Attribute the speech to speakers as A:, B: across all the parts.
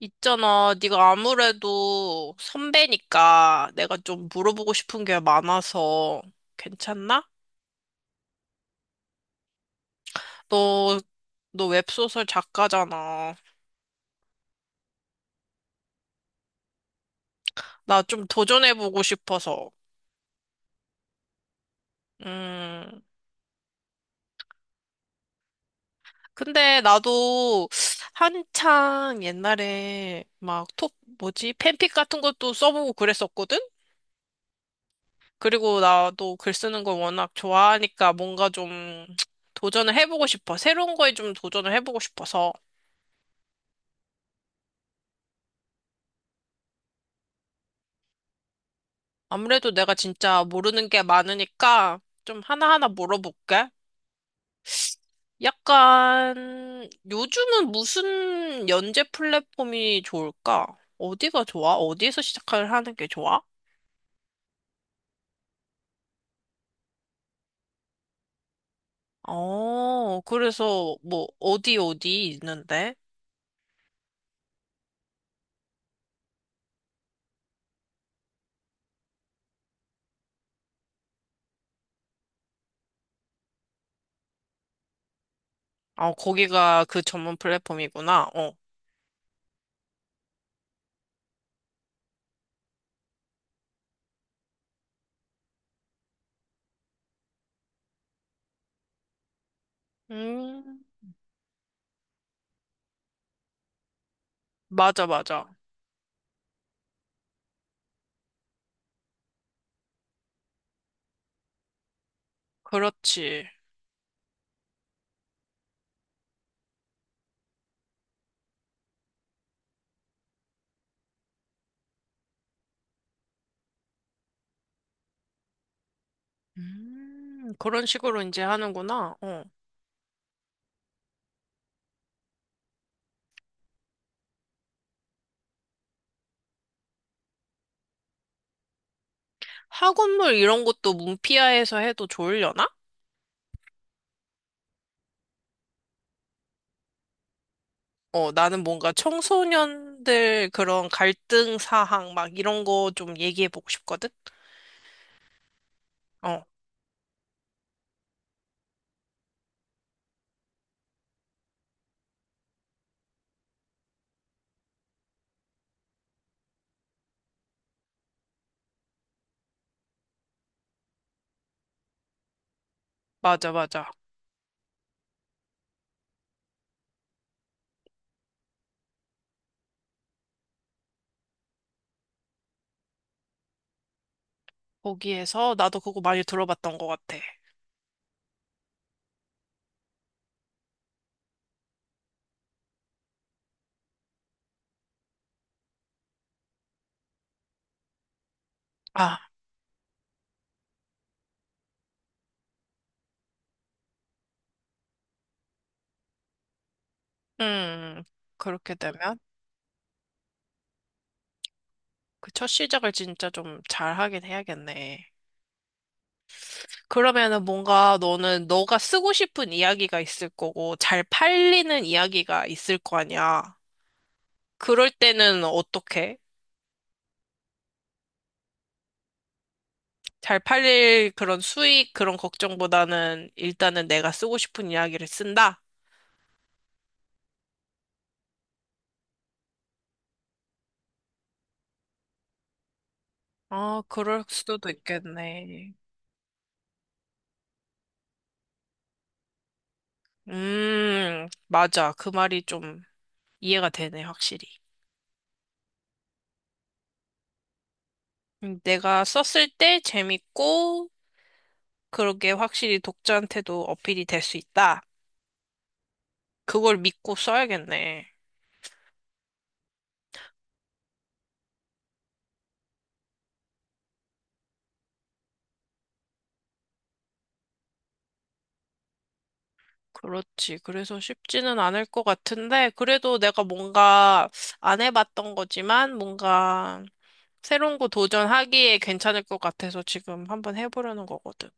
A: 있잖아, 네가 아무래도 선배니까 내가 좀 물어보고 싶은 게 많아서 괜찮나? 너, 너 웹소설 작가잖아. 나 좀 도전해보고 싶어서. 음, 근데 나도 한창 옛날에 막 톡, 뭐지? 팬픽 같은 것도 써보고 그랬었거든? 그리고 나도 글 쓰는 걸 워낙 좋아하니까 뭔가 좀 도전을 해보고 싶어. 새로운 거에 좀 도전을 해보고 싶어서. 아무래도 내가 진짜 모르는 게 많으니까 좀 하나하나 물어볼게. 약간 요즘은 무슨 연재 플랫폼이 좋을까? 어디가 좋아? 어디에서 시작을 하는 게 좋아? 어, 그래서 뭐 어디 어디 있는데? 어, 거기가 그 전문 플랫폼이구나. 어. 음, 맞아, 맞아. 그렇지. 그런 식으로 이제 하는구나. 어. 학원물 이런 것도 문피아에서 해도 좋으려나? 어, 나는 뭔가 청소년들 그런 갈등 사항 막 이런 거 좀 얘기해보고 싶거든? 어, 맞아, 맞아. 거기에서 나도 그거 많이 들어봤던 것 같아. 아, 음, 그렇게 되면 그 첫 시작을 진짜 좀 잘 하긴 해야겠네. 그러면은 뭔가 너는 너가 쓰고 싶은 이야기가 있을 거고 잘 팔리는 이야기가 있을 거 아니야. 그럴 때는 어떻게? 잘 팔릴 그런 수익 그런 걱정보다는 일단은 내가 쓰고 싶은 이야기를 쓴다? 아, 그럴 수도 있겠네. 맞아. 그 말이 좀 이해가 되네, 확실히. 내가 썼을 때 재밌고 그러게 확실히 독자한테도 어필이 될 수 있다. 그걸 믿고 써야겠네. 그렇지. 그래서 쉽지는 않을 것 같은데, 그래도 내가 뭔가 안 해봤던 거지만, 뭔가 새로운 거 도전하기에 괜찮을 것 같아서 지금 한번 해보려는 거거든.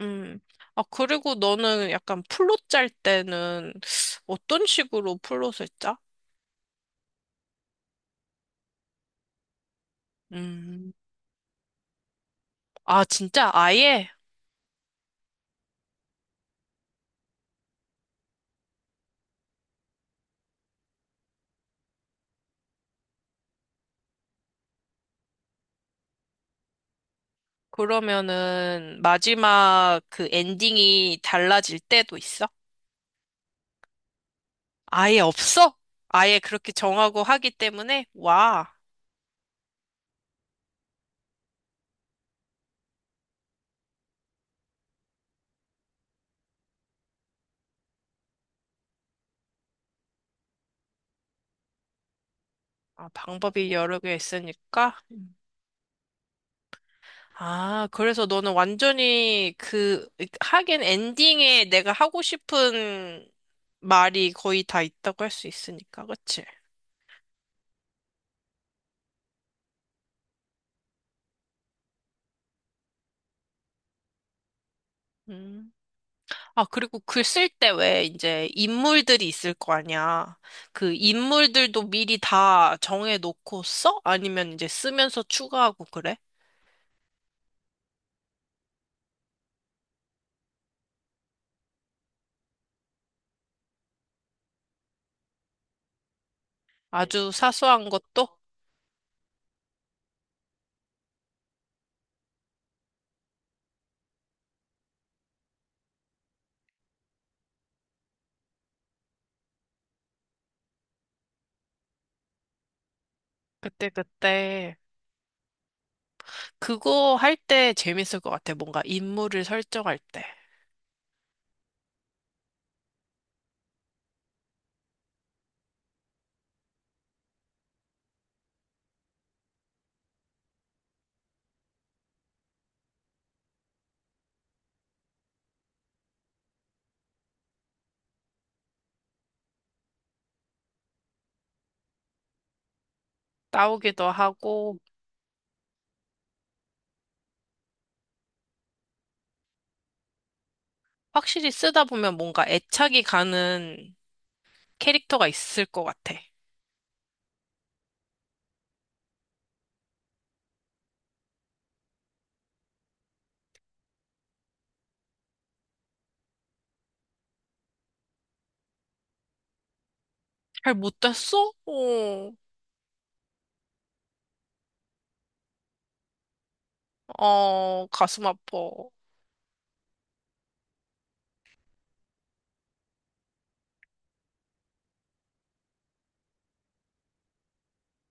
A: 음. 아, 그리고 너는 약간 플롯 짤 때는 어떤 식으로 플롯을 짜? 음. 아, 진짜? 아예? 그러면은 마지막 그 엔딩이 달라질 때도 있어? 아예 없어? 아예 그렇게 정하고 하기 때문에? 와. 아, 방법이 여러 개 있으니까. 음. 아, 그래서 너는 완전히 하긴 엔딩에 내가 하고 싶은 말이 거의 다 있다고 할 수 있으니까, 그치? 음. 아, 그리고 글 쓸 때 왜 이제 인물들이 있을 거 아니야. 그 인물들도 미리 다 정해놓고 써? 아니면 이제 쓰면서 추가하고 그래? 아주 사소한 것도? 그때, 그때. 그거 할 때 재밌을 것 같아. 뭔가 인물을 설정할 때. 나오기도 하고, 확실히 쓰다 보면 뭔가 애착이 가는 캐릭터가 있을 것 같아. 잘 못됐어? 어, 어, 가슴 아파.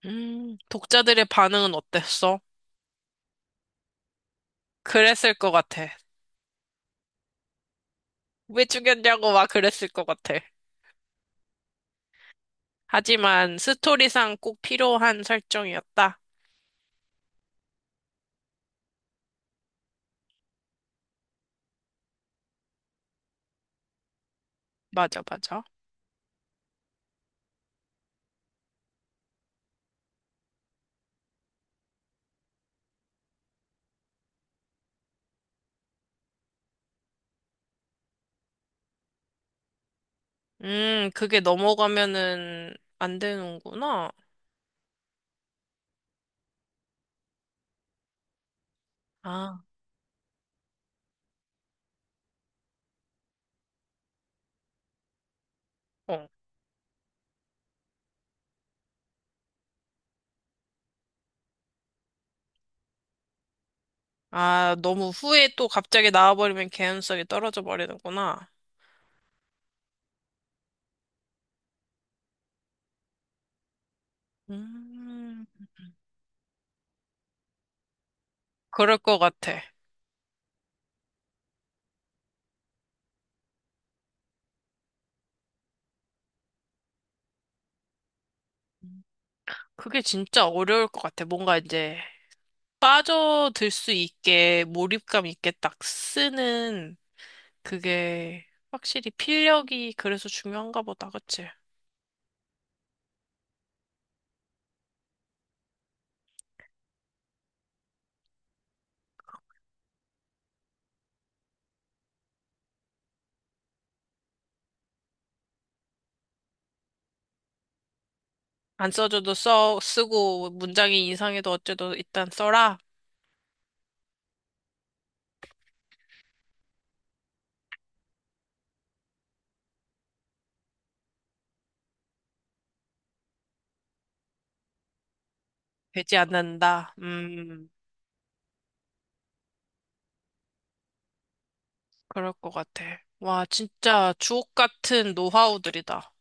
A: 독자들의 반응은 어땠어? 그랬을 것 같아. 왜 죽였냐고 막 그랬을 것 같아. 하지만 스토리상 꼭 필요한 설정이었다. 맞아, 맞아. 그게 넘어가면은 안 되는구나. 아, 어. 아, 너무 후에 또 갑자기 나와버리면 개연성이 떨어져 버리는구나. 음, 그럴 것 같아. 그게 진짜 어려울 것 같아. 뭔가 이제 빠져들 수 있게 몰입감 있게 딱 쓰는 그게 확실히 필력이 그래서 중요한가 보다. 그치? 안 써줘도 써, 쓰고 문장이 이상해도 어째도 일단 써라. 되지 않는다. 그럴 것 같아. 와, 진짜 주옥 같은 노하우들이다.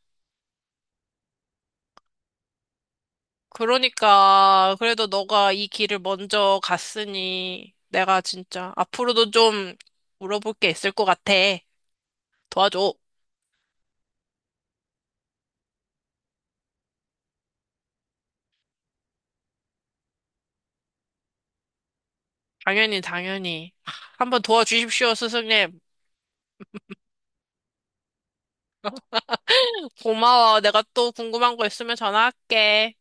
A: 그러니까 그래도 너가 이 길을 먼저 갔으니 내가 진짜 앞으로도 좀 물어볼 게 있을 것 같아. 도와줘. 당연히, 당연히. 한번 도와주십시오, 스승님. 고마워. 내가 또 궁금한 거 있으면 전화할게.